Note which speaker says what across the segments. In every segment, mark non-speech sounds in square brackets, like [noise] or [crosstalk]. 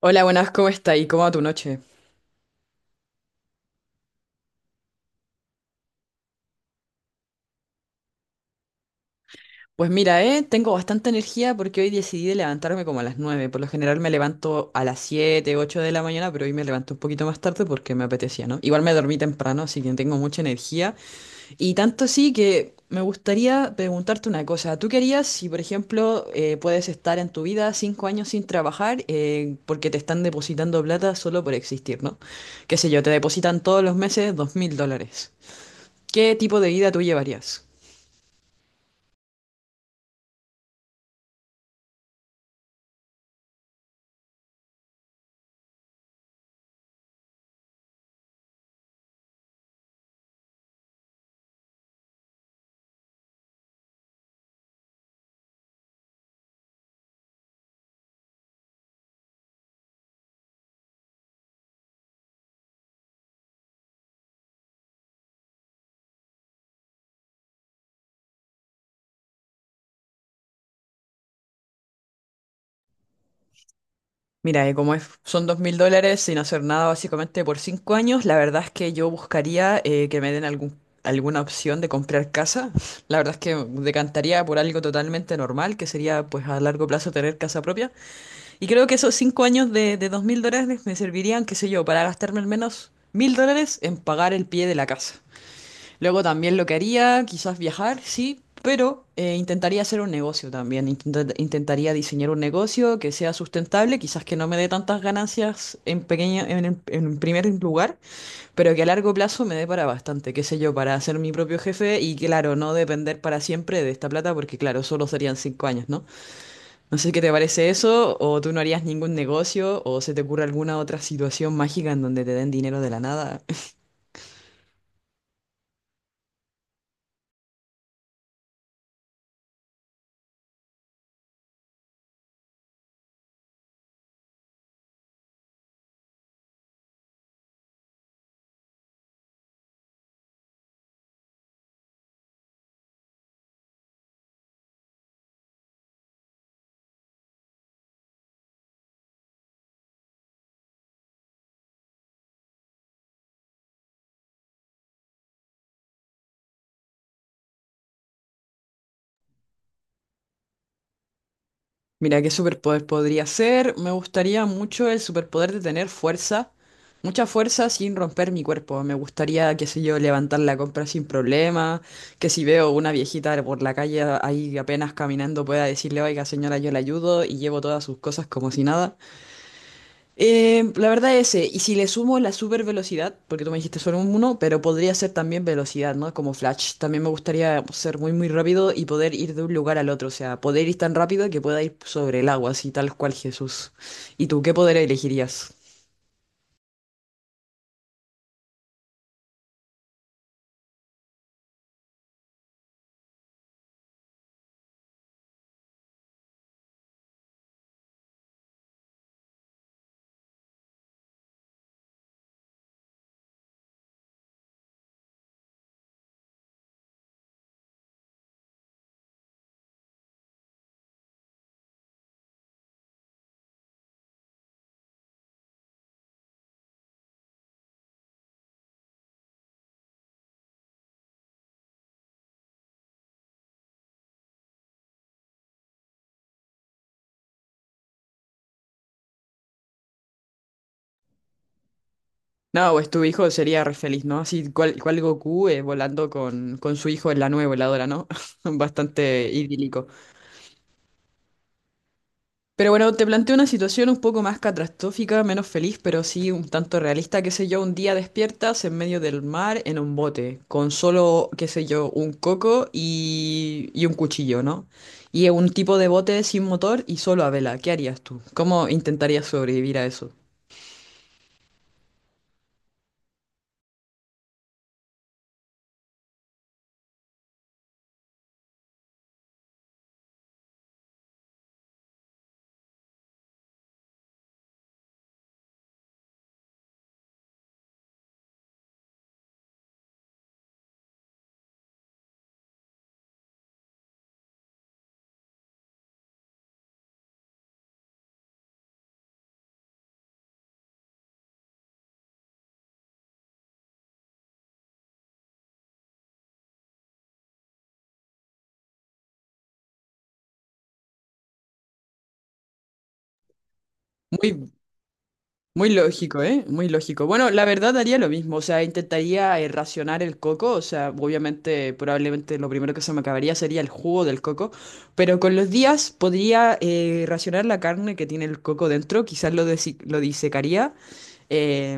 Speaker 1: Hola, buenas, ¿cómo está? ¿Y cómo va tu noche? Pues mira, tengo bastante energía porque hoy decidí levantarme como a las 9. Por lo general me levanto a las 7, 8 de la mañana, pero hoy me levanto un poquito más tarde porque me apetecía, ¿no? Igual me dormí temprano, así que tengo mucha energía. Y tanto sí que me gustaría preguntarte una cosa. ¿Tú querías si, por ejemplo, puedes estar en tu vida 5 años sin trabajar porque te están depositando plata solo por existir? ¿No? Qué sé yo, te depositan todos los meses $2000. ¿Qué tipo de vida tú llevarías? Mira, como es, son $2000 sin hacer nada básicamente por 5 años. La verdad es que yo buscaría que me den algún, alguna opción de comprar casa. [laughs] La verdad es que decantaría por algo totalmente normal, que sería pues a largo plazo tener casa propia. Y creo que esos 5 años de $2000 me servirían, qué sé yo, para gastarme al menos $1000 en pagar el pie de la casa. Luego también lo que haría, quizás viajar, sí, pero intentaría hacer un negocio también. Intentaría diseñar un negocio que sea sustentable, quizás que no me dé tantas ganancias en pequeña, en primer lugar, pero que a largo plazo me dé para bastante, qué sé yo, para ser mi propio jefe y claro, no depender para siempre de esta plata, porque claro, solo serían 5 años, ¿no? No sé qué te parece eso, o tú no harías ningún negocio, o se te ocurre alguna otra situación mágica en donde te den dinero de la nada. Mira, ¿qué superpoder podría ser? Me gustaría mucho el superpoder de tener fuerza, mucha fuerza sin romper mi cuerpo. Me gustaría, qué sé yo, levantar la compra sin problema, que si veo una viejita por la calle ahí apenas caminando pueda decirle: oiga señora, yo la ayudo y llevo todas sus cosas como si nada. La verdad ese, y si le sumo la super velocidad, porque tú me dijiste solo un uno, pero podría ser también velocidad, ¿no? Como Flash. También me gustaría ser muy, muy rápido y poder ir de un lugar al otro, o sea, poder ir tan rápido que pueda ir sobre el agua, así tal cual Jesús. ¿Y tú qué poder elegirías? No, pues tu hijo sería re feliz, ¿no? Así cual Goku, volando con su hijo en la nueva voladora, ¿no? [laughs] Bastante idílico. Pero bueno, te planteo una situación un poco más catastrófica, menos feliz, pero sí un tanto realista. Qué sé yo, un día despiertas en medio del mar en un bote, con solo, qué sé yo, un coco y un cuchillo, ¿no? Y un tipo de bote sin motor y solo a vela. ¿Qué harías tú? ¿Cómo intentarías sobrevivir a eso? Muy, Muy lógico, ¿eh? Muy lógico. Bueno, la verdad haría lo mismo, o sea, intentaría racionar el coco, o sea, obviamente, probablemente lo primero que se me acabaría sería el jugo del coco, pero con los días podría racionar la carne que tiene el coco dentro, quizás lo disecaría eh,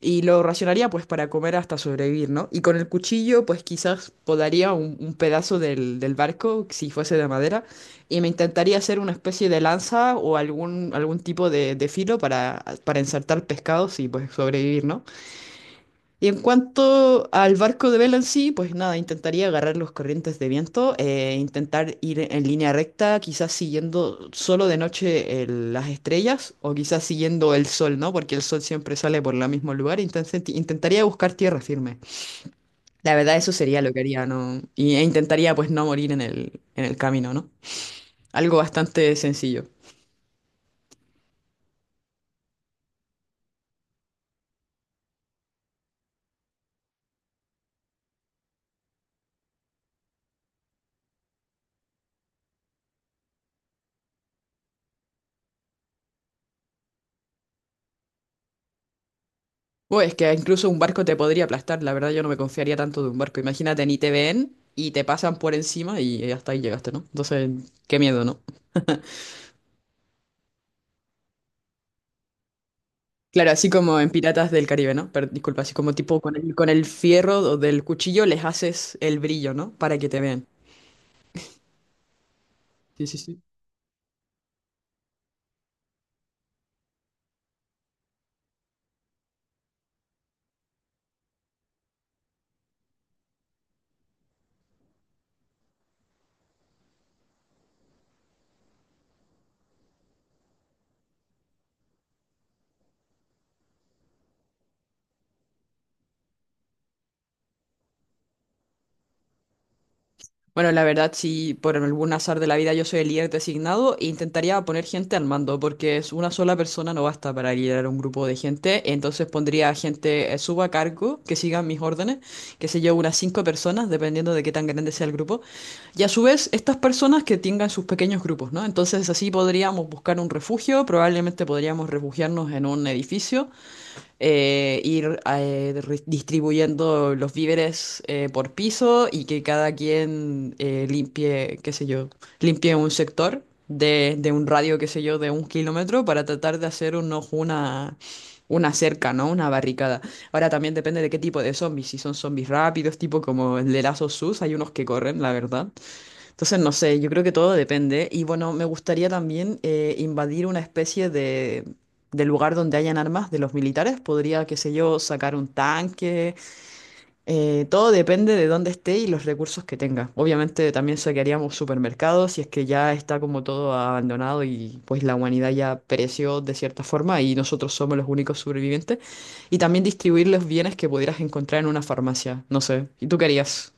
Speaker 1: y lo racionaría pues para comer hasta sobrevivir, ¿no? Y con el cuchillo pues quizás podaría un pedazo del barco si fuese de madera, y me intentaría hacer una especie de lanza o algún tipo de filo para ensartar pescados y pues sobrevivir, ¿no? Y en cuanto al barco de vela en sí, pues nada, intentaría agarrar los corrientes de viento, intentar ir en línea recta, quizás siguiendo solo de noche las estrellas o quizás siguiendo el sol, ¿no? Porque el sol siempre sale por el mismo lugar, entonces intentaría buscar tierra firme. La verdad, eso sería lo que haría, ¿no? E intentaría pues no morir en el camino, ¿no? Algo bastante sencillo. Uy, es que incluso un barco te podría aplastar, la verdad yo no me confiaría tanto de un barco. Imagínate, ni te ven y te pasan por encima y hasta ahí llegaste, ¿no? Entonces, qué miedo, ¿no? Claro, así como en Piratas del Caribe, ¿no? Pero disculpa, así como tipo con el fierro o del cuchillo les haces el brillo, ¿no? Para que te vean. Sí, sí, sí. Bueno, la verdad, si por algún azar de la vida yo soy el líder designado, e intentaría poner gente al mando, porque es una sola persona no basta para liderar un grupo de gente. Entonces pondría gente, suba a cargo, que sigan mis órdenes, que se lleve unas 5 personas, dependiendo de qué tan grande sea el grupo. Y a su vez, estas personas que tengan sus pequeños grupos, ¿no? Entonces así podríamos buscar un refugio, probablemente podríamos refugiarnos en un edificio, distribuyendo los víveres por piso y que cada quien limpie, qué sé yo, limpie un sector de un radio, qué sé yo, de 1 kilómetro, para tratar de hacer una cerca, ¿no? Una barricada. Ahora también depende de qué tipo de zombies, si son zombies rápidos, tipo como el de Last of Us, hay unos que corren, la verdad. Entonces, no sé, yo creo que todo depende. Y bueno, me gustaría también invadir una especie de lugar donde hayan armas de los militares. Podría, qué sé yo, sacar un tanque. Todo depende de dónde esté y los recursos que tenga. Obviamente también saquearíamos supermercados si es que ya está como todo abandonado y pues la humanidad ya pereció de cierta forma y nosotros somos los únicos sobrevivientes. Y también distribuir los bienes que pudieras encontrar en una farmacia. No sé. ¿Y tú qué harías?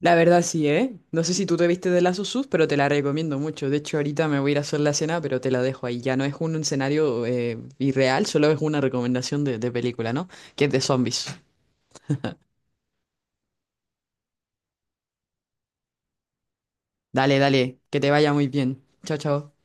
Speaker 1: La verdad sí, ¿eh? No sé si tú te viste de Last of Us, pero te la recomiendo mucho. De hecho, ahorita me voy a ir a hacer la cena, pero te la dejo ahí. Ya no es un escenario irreal, solo es una recomendación de película, ¿no? Que es de zombies. Dale, dale, que te vaya muy bien. Chao, chao.